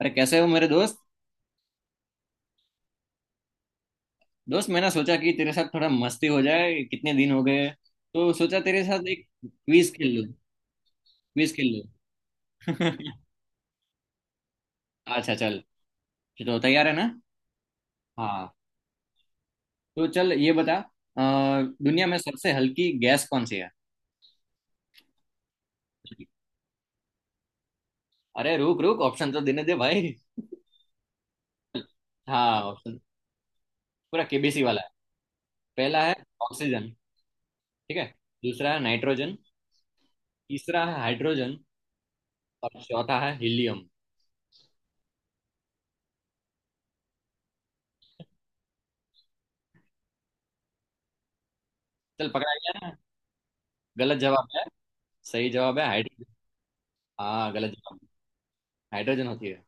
अरे कैसे हो मेरे दोस्त दोस्त मैंने सोचा कि तेरे साथ थोड़ा मस्ती हो जाए, कितने दिन हो गए। तो सोचा तेरे साथ एक क्विज खेल लो, क्विज खेल लो। अच्छा चल, तो तैयार है ना? हाँ, तो चल ये बता दुनिया में सबसे हल्की गैस कौन सी है? अरे रुक रुक, ऑप्शन तो देने दे भाई। हाँ ऑप्शन। पूरा केबीसी वाला है। पहला है ऑक्सीजन, ठीक है। दूसरा है नाइट्रोजन। तीसरा है हाइड्रोजन। और चौथा है हीलियम। चल पकड़ा गया ना। गलत जवाब है। सही जवाब है हाइड्रोजन। हाँ गलत जवाब। हाइड्रोजन होती है।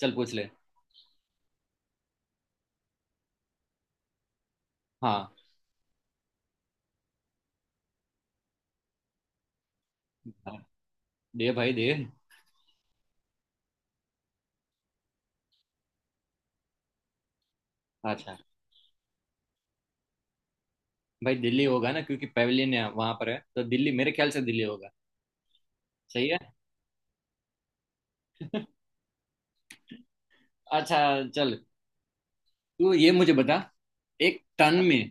चल पूछ ले। हाँ दे भाई दे। अच्छा भाई, दिल्ली होगा ना क्योंकि पवेलियन है वहां पर है, तो दिल्ली, मेरे ख्याल से दिल्ली होगा। सही है। अच्छा चल, तू ये मुझे बता, एक टन में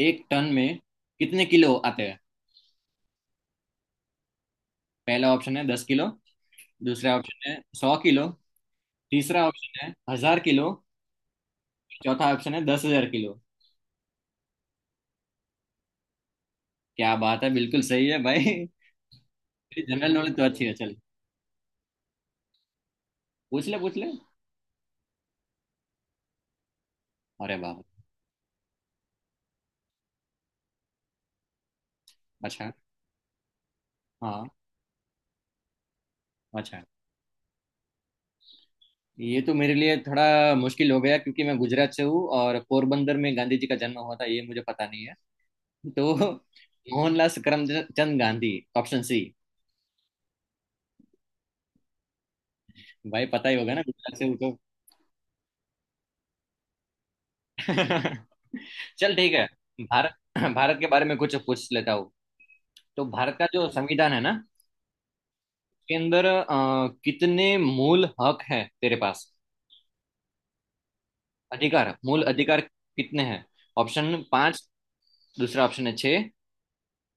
एक टन में कितने किलो आते हैं? पहला ऑप्शन है 10 किलो। दूसरा ऑप्शन है 100 किलो। तीसरा ऑप्शन है 1,000 किलो। चौथा ऑप्शन है 10,000 किलो। क्या बात है, बिल्कुल सही है भाई। जनरल नॉलेज तो अच्छी है चल। पूछ ले पूछ ले। अरे बाप। अच्छा। हाँ। अच्छा। ये तो मेरे लिए थोड़ा मुश्किल हो गया, क्योंकि मैं गुजरात से हूँ और पोरबंदर में गांधी जी का जन्म हुआ था, ये मुझे पता नहीं है। तो मोहनलाल करमचंद गांधी, ऑप्शन सी। भाई पता ही होगा ना, गुजरात से हूँ तो। चल ठीक है। भारत भारत के बारे में कुछ पूछ लेता हूँ। तो भारत का जो संविधान है ना, उसके अंदर कितने मूल हक है तेरे पास, अधिकार, मूल अधिकार कितने हैं? ऑप्शन 5। दूसरा ऑप्शन है 6।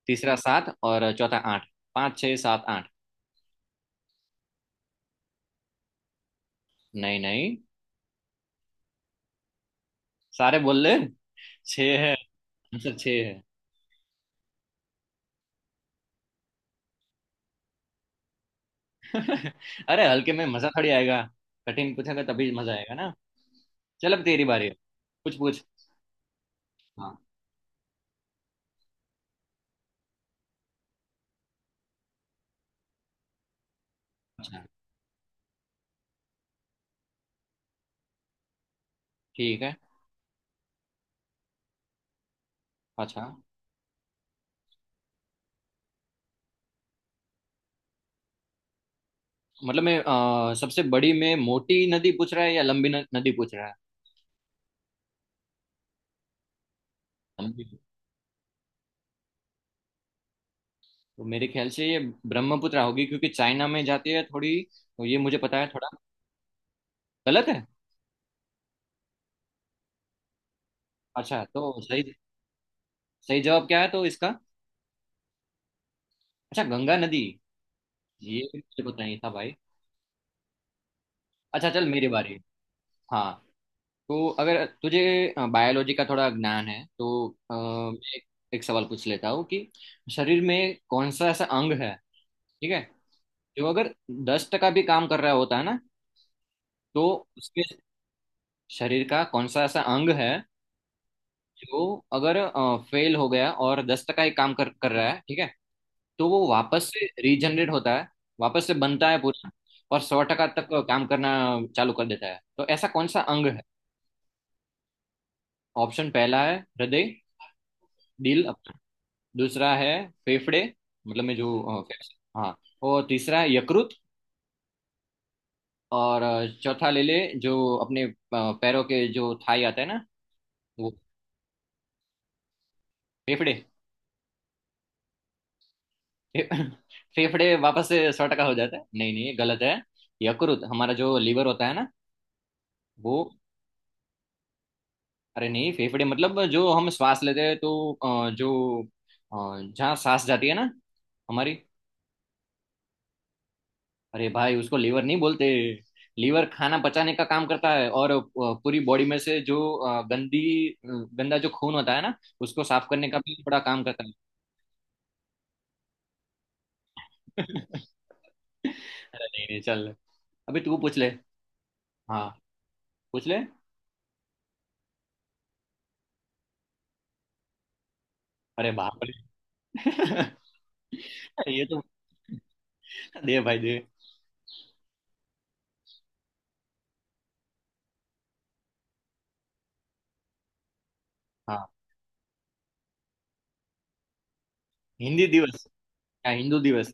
तीसरा 7 और चौथा 8। 5, 6, 7, 8 नहीं नहीं, सारे बोल ले। छः है। आंसर 6 है। अरे हल्के में मजा थोड़ी आएगा, कठिन पूछेगा तभी मजा आएगा ना। चल अब तेरी बारी है, कुछ पूछ। हाँ। अच्छा। ठीक है। अच्छा, मतलब मैं, सबसे बड़ी में मोटी नदी पूछ रहा है या लंबी न, नदी पूछ रहा है? लंबी। तो मेरे ख्याल से ये ब्रह्मपुत्र होगी, क्योंकि चाइना में जाती है थोड़ी, तो ये मुझे पता है थोड़ा। गलत है। अच्छा तो सही। सही जवाब क्या है तो इसका? अच्छा गंगा नदी, ये मुझे पता नहीं था भाई। अच्छा चल मेरी बारी। हाँ। तो अगर तुझे बायोलॉजी का थोड़ा ज्ञान है तो मैं एक सवाल पूछ लेता हूँ कि शरीर में कौन सा ऐसा अंग है, ठीक है, जो अगर 10% भी काम कर रहा होता है ना, तो उसके, शरीर का कौन सा ऐसा अंग है जो अगर फेल हो गया और 10% ही काम कर कर रहा है, ठीक है, तो वो वापस से रीजनरेट होता है, वापस से बनता है पूरा, और 100% तक काम करना चालू कर देता है। तो ऐसा कौन सा अंग है? ऑप्शन पहला है हृदय, दिल। दूसरा है फेफड़े, मतलब में जो फेफड़े, हाँ। और तीसरा है यकृत। और चौथा ले ले, जो अपने पैरों के जो थाई आता है ना, वो। फेफड़े। फे, फेफड़े वापस से 100% हो जाता है? नहीं नहीं ये गलत है। यकृत हमारा, जो लीवर होता है ना, वो। अरे नहीं, फेफड़े मतलब जो हम श्वास लेते हैं, तो जो अ, जहाँ सांस जाती है ना हमारी। अरे भाई उसको लीवर नहीं बोलते। लीवर खाना पचाने का काम करता है और पूरी बॉडी में से जो अ, गंदी गंदा जो खून होता है ना, उसको साफ करने का भी बड़ा काम करता है। अरे नहीं नहीं चल, अभी तू पूछ ले। हाँ पूछ ले। अरे बाप रे। ये तो। दे भाई दे। हाँ हिंदी दिवस। हाँ हिंदू दिवस।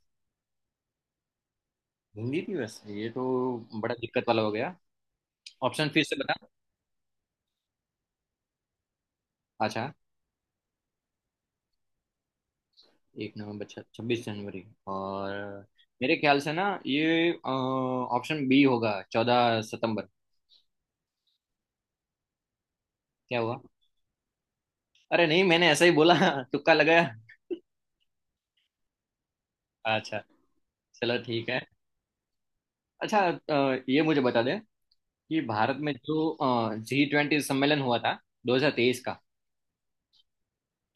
हिंदी दिवस, ये तो बड़ा दिक्कत वाला हो गया। ऑप्शन फिर से बता। अच्छा। 1 नवंबर, 26 जनवरी, और, मेरे ख्याल से ना ये ऑप्शन बी होगा, 14 सितंबर। क्या हुआ? अरे नहीं मैंने ऐसा ही बोला। तुक्का लगाया। अच्छा चलो ठीक है। अच्छा, ये मुझे बता दे कि भारत में जो G20 सम्मेलन हुआ था 2023 का,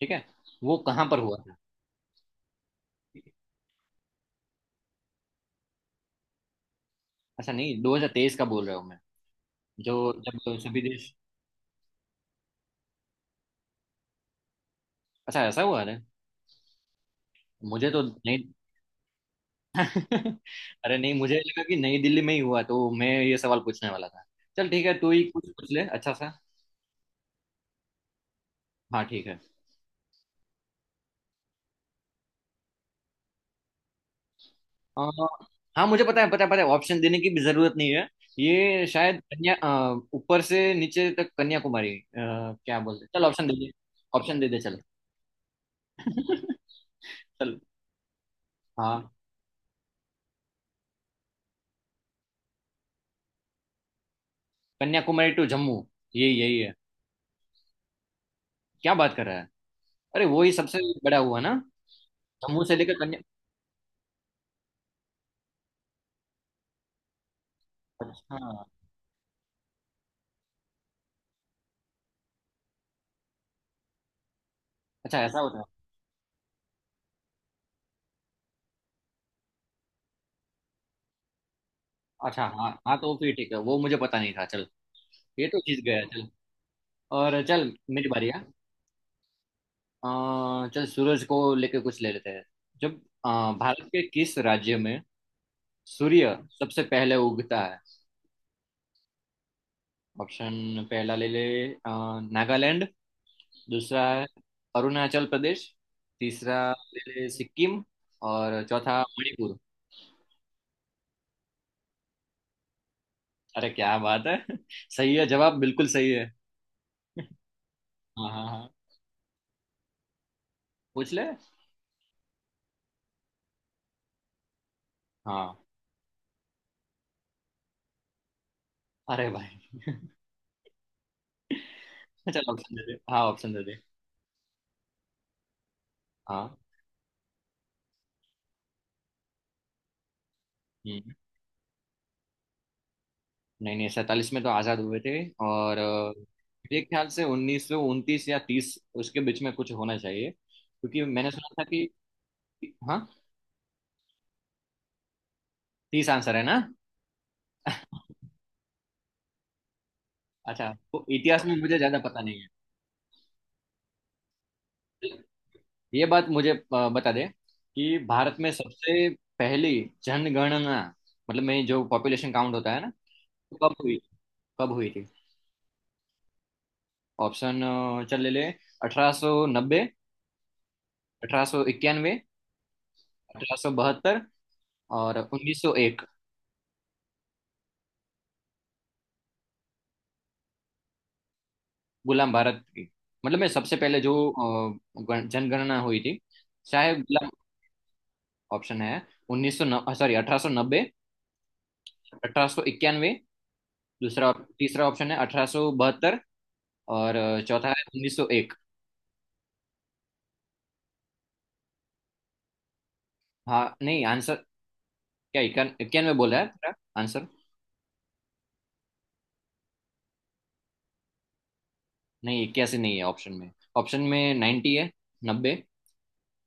ठीक है, वो कहाँ पर हुआ था? अच्छा नहीं 2023 का बोल रहा हूँ मैं, जो जब सभी देश। अच्छा ऐसा हुआ है, मुझे तो नहीं। अरे नहीं मुझे लगा कि नई दिल्ली में ही हुआ, तो मैं ये सवाल पूछने वाला था। चल ठीक है, तू ही कुछ पूछ ले अच्छा सा। हाँ ठीक है। अ। हाँ मुझे पता है, पता है पता है, ऑप्शन देने की भी जरूरत नहीं है। ये शायद ऊपर से नीचे तक कन्याकुमारी, क्या बोलते हैं? चल ऑप्शन दे दे। ऑप्शन दे दे चल। चल। हाँ। कन्याकुमारी टू जम्मू, ये यही है। क्या बात कर रहा है, अरे वो ही सबसे बड़ा हुआ ना, जम्मू से लेकर कन्या। अच्छा। अच्छा ऐसा होता है। अच्छा हाँ हाँ, तो फिर ठीक है, वो मुझे पता नहीं था चल। ये तो जीत गया चल। और चल मेरी बारी है। चल सूरज को लेके कुछ ले लेते हैं। जब अ, भारत के किस राज्य में सूर्य सबसे पहले उगता है? ऑप्शन पहला ले ले, अ, नागालैंड। दूसरा है अरुणाचल प्रदेश। तीसरा ले ले सिक्किम। और चौथा मणिपुर। अरे क्या बात है। सही है जवाब, बिल्कुल सही है। हाँ हाँ हाँ। पूछ ले। हाँ। अरे भाई। चल ऑप्शन दे दे, हाँ ऑप्शन दे दे। हाँ। हम्म। नहीं नहीं, सैतालीस में तो आजाद हुए थे। और मेरे ख्याल से 1929 या 30, उसके बीच में कुछ होना चाहिए, क्योंकि मैंने सुना था कि। हाँ। 30 आंसर है ना। अच्छा तो इतिहास में मुझे ज्यादा पता नहीं है। ये बात मुझे बता दे कि भारत में सबसे पहली जनगणना, मतलब में जो पॉपुलेशन काउंट होता है ना, तो कब हुई थी? ऑप्शन चल ले ले। 1890। 1891। 1872। और 1901। गुलाम भारत की। मतलब मैं सबसे पहले जो जनगणना हुई थी, शायद गुलाम। ऑप्शन है, उन्नीस सौ सॉरी 1890। अठारह सौ इक्यानवे, दूसरा। तीसरा ऑप्शन है 1872। और चौथा है 1901। हाँ नहीं आंसर, क्या इक्यानवे बोला है तेरा आंसर? नहीं 81 नहीं है ऑप्शन में। ऑप्शन में 90 है, 90।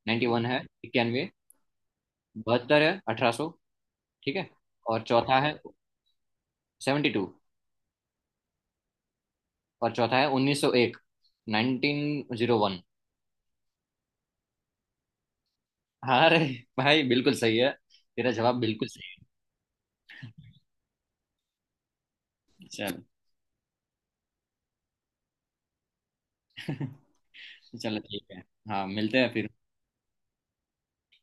91 है 91। बहत्तर है 1800, ठीक है। और चौथा है 72। और चौथा है 1901, 1901। हाँ, अरे भाई बिल्कुल सही है, तेरा जवाब बिल्कुल सही है। चल। चलो ठीक है। हाँ मिलते हैं फिर।